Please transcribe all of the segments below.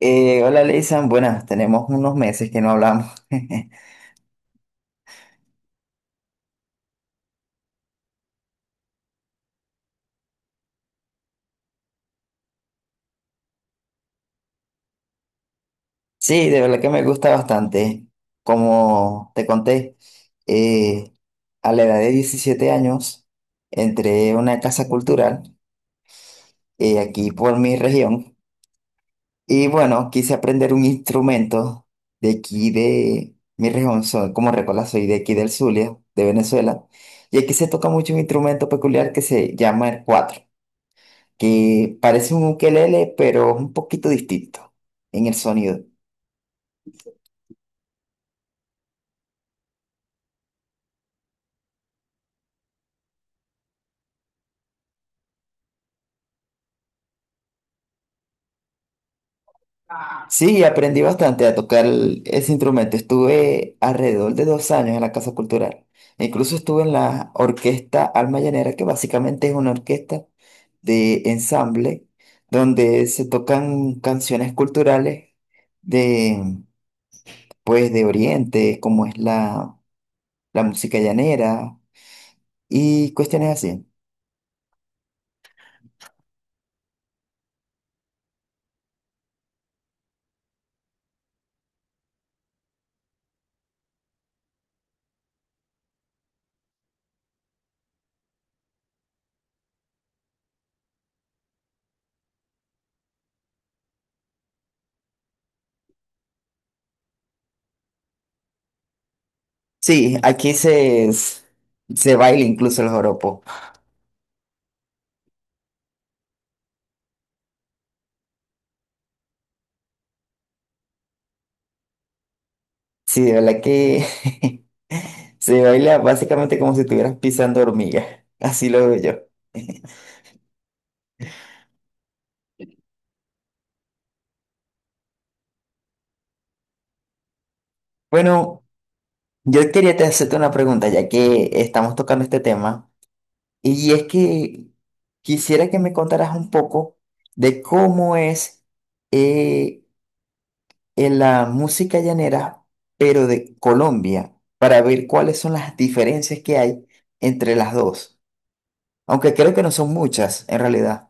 Hola, Leysan. Buenas, tenemos unos meses que no hablamos. Sí, de verdad que me gusta bastante. Como te conté, eh, a la edad de 17 años entré a una casa cultural aquí por mi región y bueno, quise aprender un instrumento de aquí de mi región. Soy, como recuerdas, soy de aquí del Zulia, de Venezuela. Y aquí se toca mucho un instrumento peculiar que se llama el cuatro, que parece un ukelele, pero es un poquito distinto en el sonido. Sí, aprendí bastante a tocar ese instrumento. Estuve alrededor de 2 años en la Casa Cultural. Incluso estuve en la orquesta Alma Llanera, que básicamente es una orquesta de ensamble donde se tocan canciones culturales de, pues, de Oriente, como es la música llanera y cuestiones así. Sí, aquí se baila incluso el joropo. Sí, de verdad que se baila básicamente como si estuvieras pisando hormigas. Así lo veo yo. Bueno, yo quería te hacerte una pregunta, ya que estamos tocando este tema, y es que quisiera que me contaras un poco de cómo es eh, en la música llanera, pero de Colombia, para ver cuáles son las diferencias que hay entre las dos. Aunque creo que no son muchas, en realidad.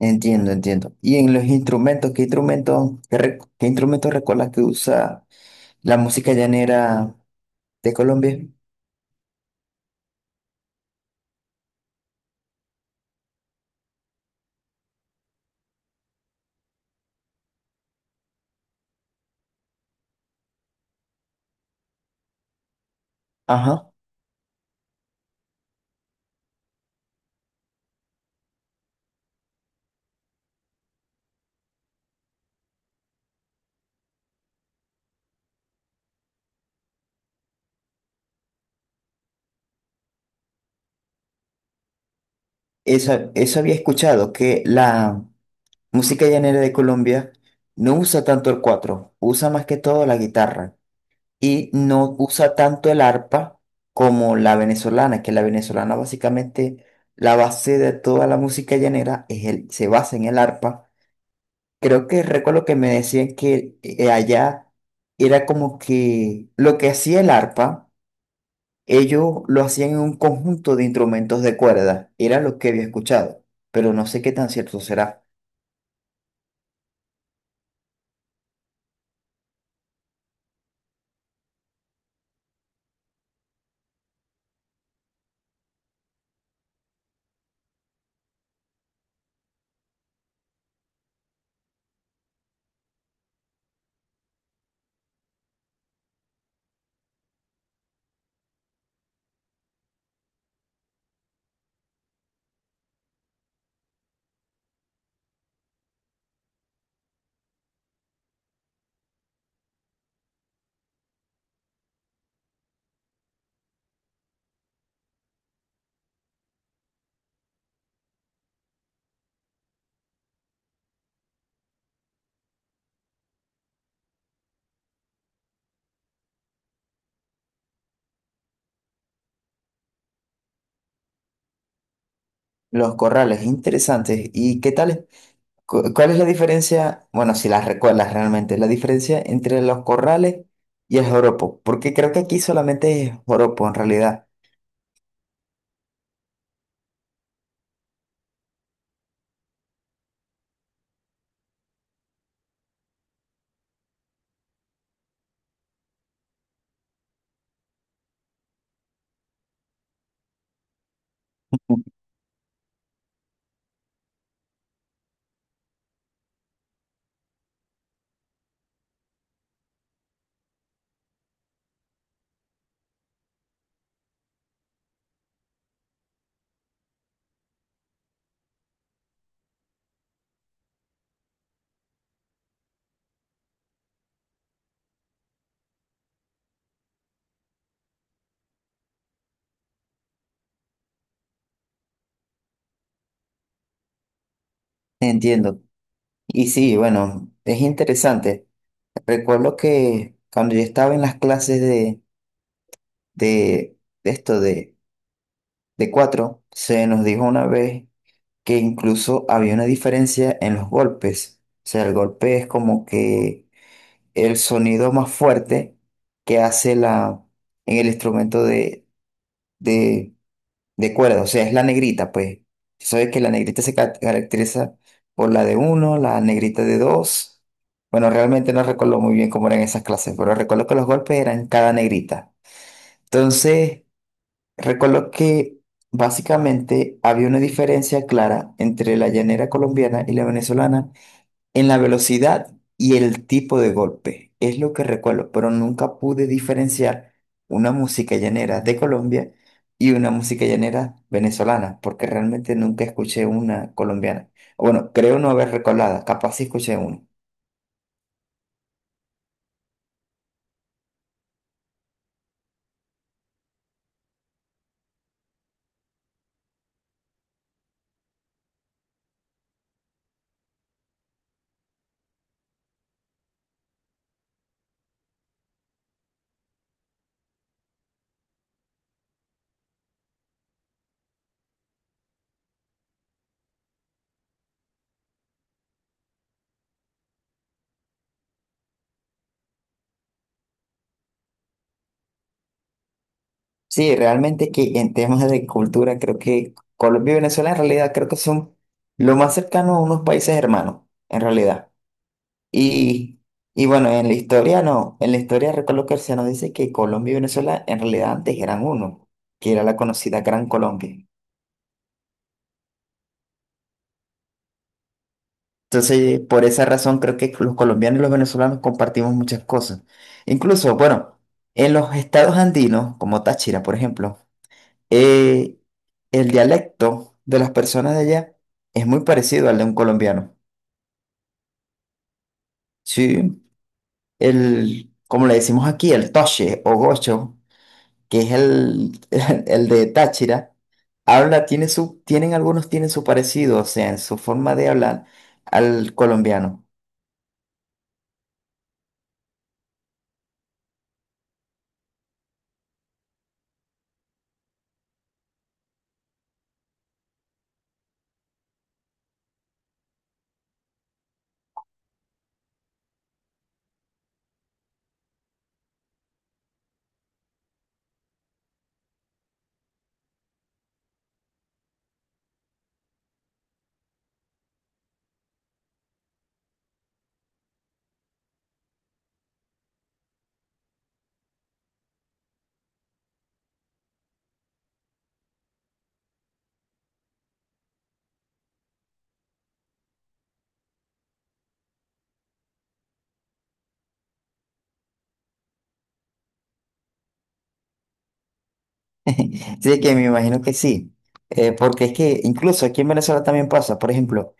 Entiendo, entiendo. Y en los instrumentos, ¿qué qué instrumentos recuerdas que usa la música llanera de Colombia? Ajá. Eso había escuchado, que la música llanera de Colombia no usa tanto el cuatro, usa más que todo la guitarra. Y no usa tanto el arpa como la venezolana, que la venezolana básicamente, la base de toda la música llanera se basa en el arpa. Creo que recuerdo que me decían que allá era como que lo que hacía el arpa, ellos lo hacían en un conjunto de instrumentos de cuerda, era lo que había escuchado, pero no sé qué tan cierto será. Los corrales, interesantes. ¿Y qué tal? ¿Cuál es la diferencia? Bueno, si las recuerdas realmente, la diferencia entre los corrales y el joropo, porque creo que aquí solamente es joropo en realidad. Entiendo. Y sí, bueno, es interesante. Recuerdo que cuando yo estaba en las clases de, de de cuatro, se nos dijo una vez que incluso había una diferencia en los golpes. O sea, el golpe es como que el sonido más fuerte que hace en el instrumento de. De acuerdo, o sea, es la negrita, pues. Si sabes que la negrita se caracteriza por la de uno, la negrita de dos. Bueno, realmente no recuerdo muy bien cómo eran esas clases, pero recuerdo que los golpes eran cada negrita. Entonces, recuerdo que básicamente había una diferencia clara entre la llanera colombiana y la venezolana en la velocidad y el tipo de golpe. Es lo que recuerdo, pero nunca pude diferenciar una música llanera de Colombia y una música llanera venezolana, porque realmente nunca escuché una colombiana. Bueno, creo no haber recordado, capaz sí escuché una. Sí, realmente que en temas de cultura creo que Colombia y Venezuela en realidad creo que son lo más cercano a unos países hermanos, en realidad. Y, y bueno, en la historia no, en la historia recuerdo que se nos dice que Colombia y Venezuela en realidad antes eran uno, que era la conocida Gran Colombia. Entonces, por esa razón creo que los colombianos y los venezolanos compartimos muchas cosas. Incluso, bueno, en los estados andinos, como Táchira, por ejemplo, eh, el dialecto de las personas de allá es muy parecido al de un colombiano. Sí, como le decimos aquí, el toche o gocho, que es el, el de Táchira, tiene su, tienen algunos tienen su parecido, o sea, en su forma de hablar al colombiano. Sí que me imagino que sí, porque es que incluso aquí en Venezuela también pasa, por ejemplo,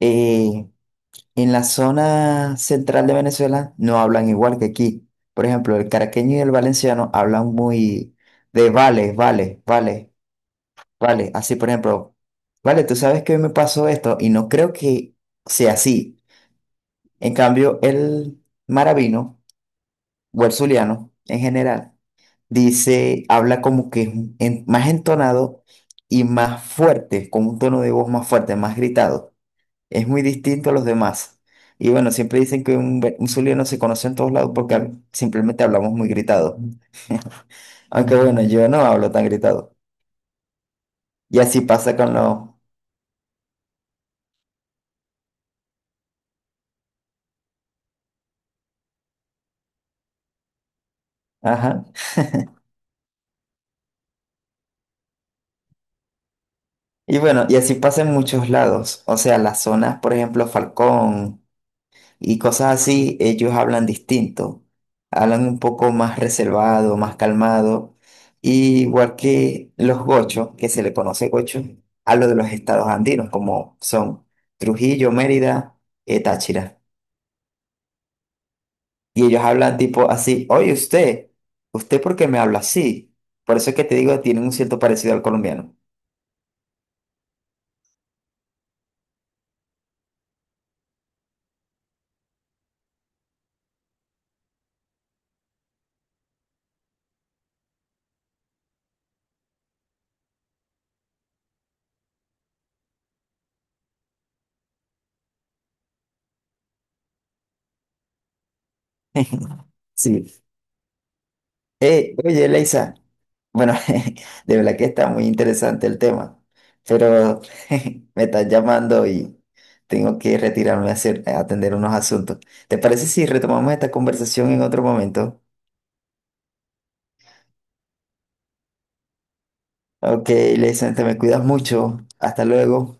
eh, en la zona central de Venezuela no hablan igual que aquí. Por ejemplo, el caraqueño y el valenciano hablan muy de vale. Así, por ejemplo, vale, tú sabes que hoy me pasó esto y no creo que sea así. En cambio, el maravino o el zuliano en general dice, habla como que es más entonado y más fuerte, con un tono de voz más fuerte, más gritado. Es muy distinto a los demás. Y bueno, siempre dicen que un zuliano se conoce en todos lados porque simplemente hablamos muy gritado. Aunque bueno, yo no hablo tan gritado. Y así pasa con los... Ajá. Y bueno, y así pasa en muchos lados. O sea, las zonas, por ejemplo, Falcón y cosas así, ellos hablan distinto, hablan un poco más reservado, más calmado, y igual que los gochos, que se le conoce gocho, hablo de los estados andinos, como son Trujillo, Mérida, Táchira. Y ellos hablan tipo así, oye usted, ¿usted por qué me habla así? Por eso es que te digo, tienen un cierto parecido al colombiano. Sí. Oye, Leisa, bueno, de verdad que está muy interesante el tema, pero me están llamando y tengo que retirarme a a atender unos asuntos. ¿Te parece si retomamos esta conversación en otro momento? Ok, Leisa, te me cuidas mucho. Hasta luego.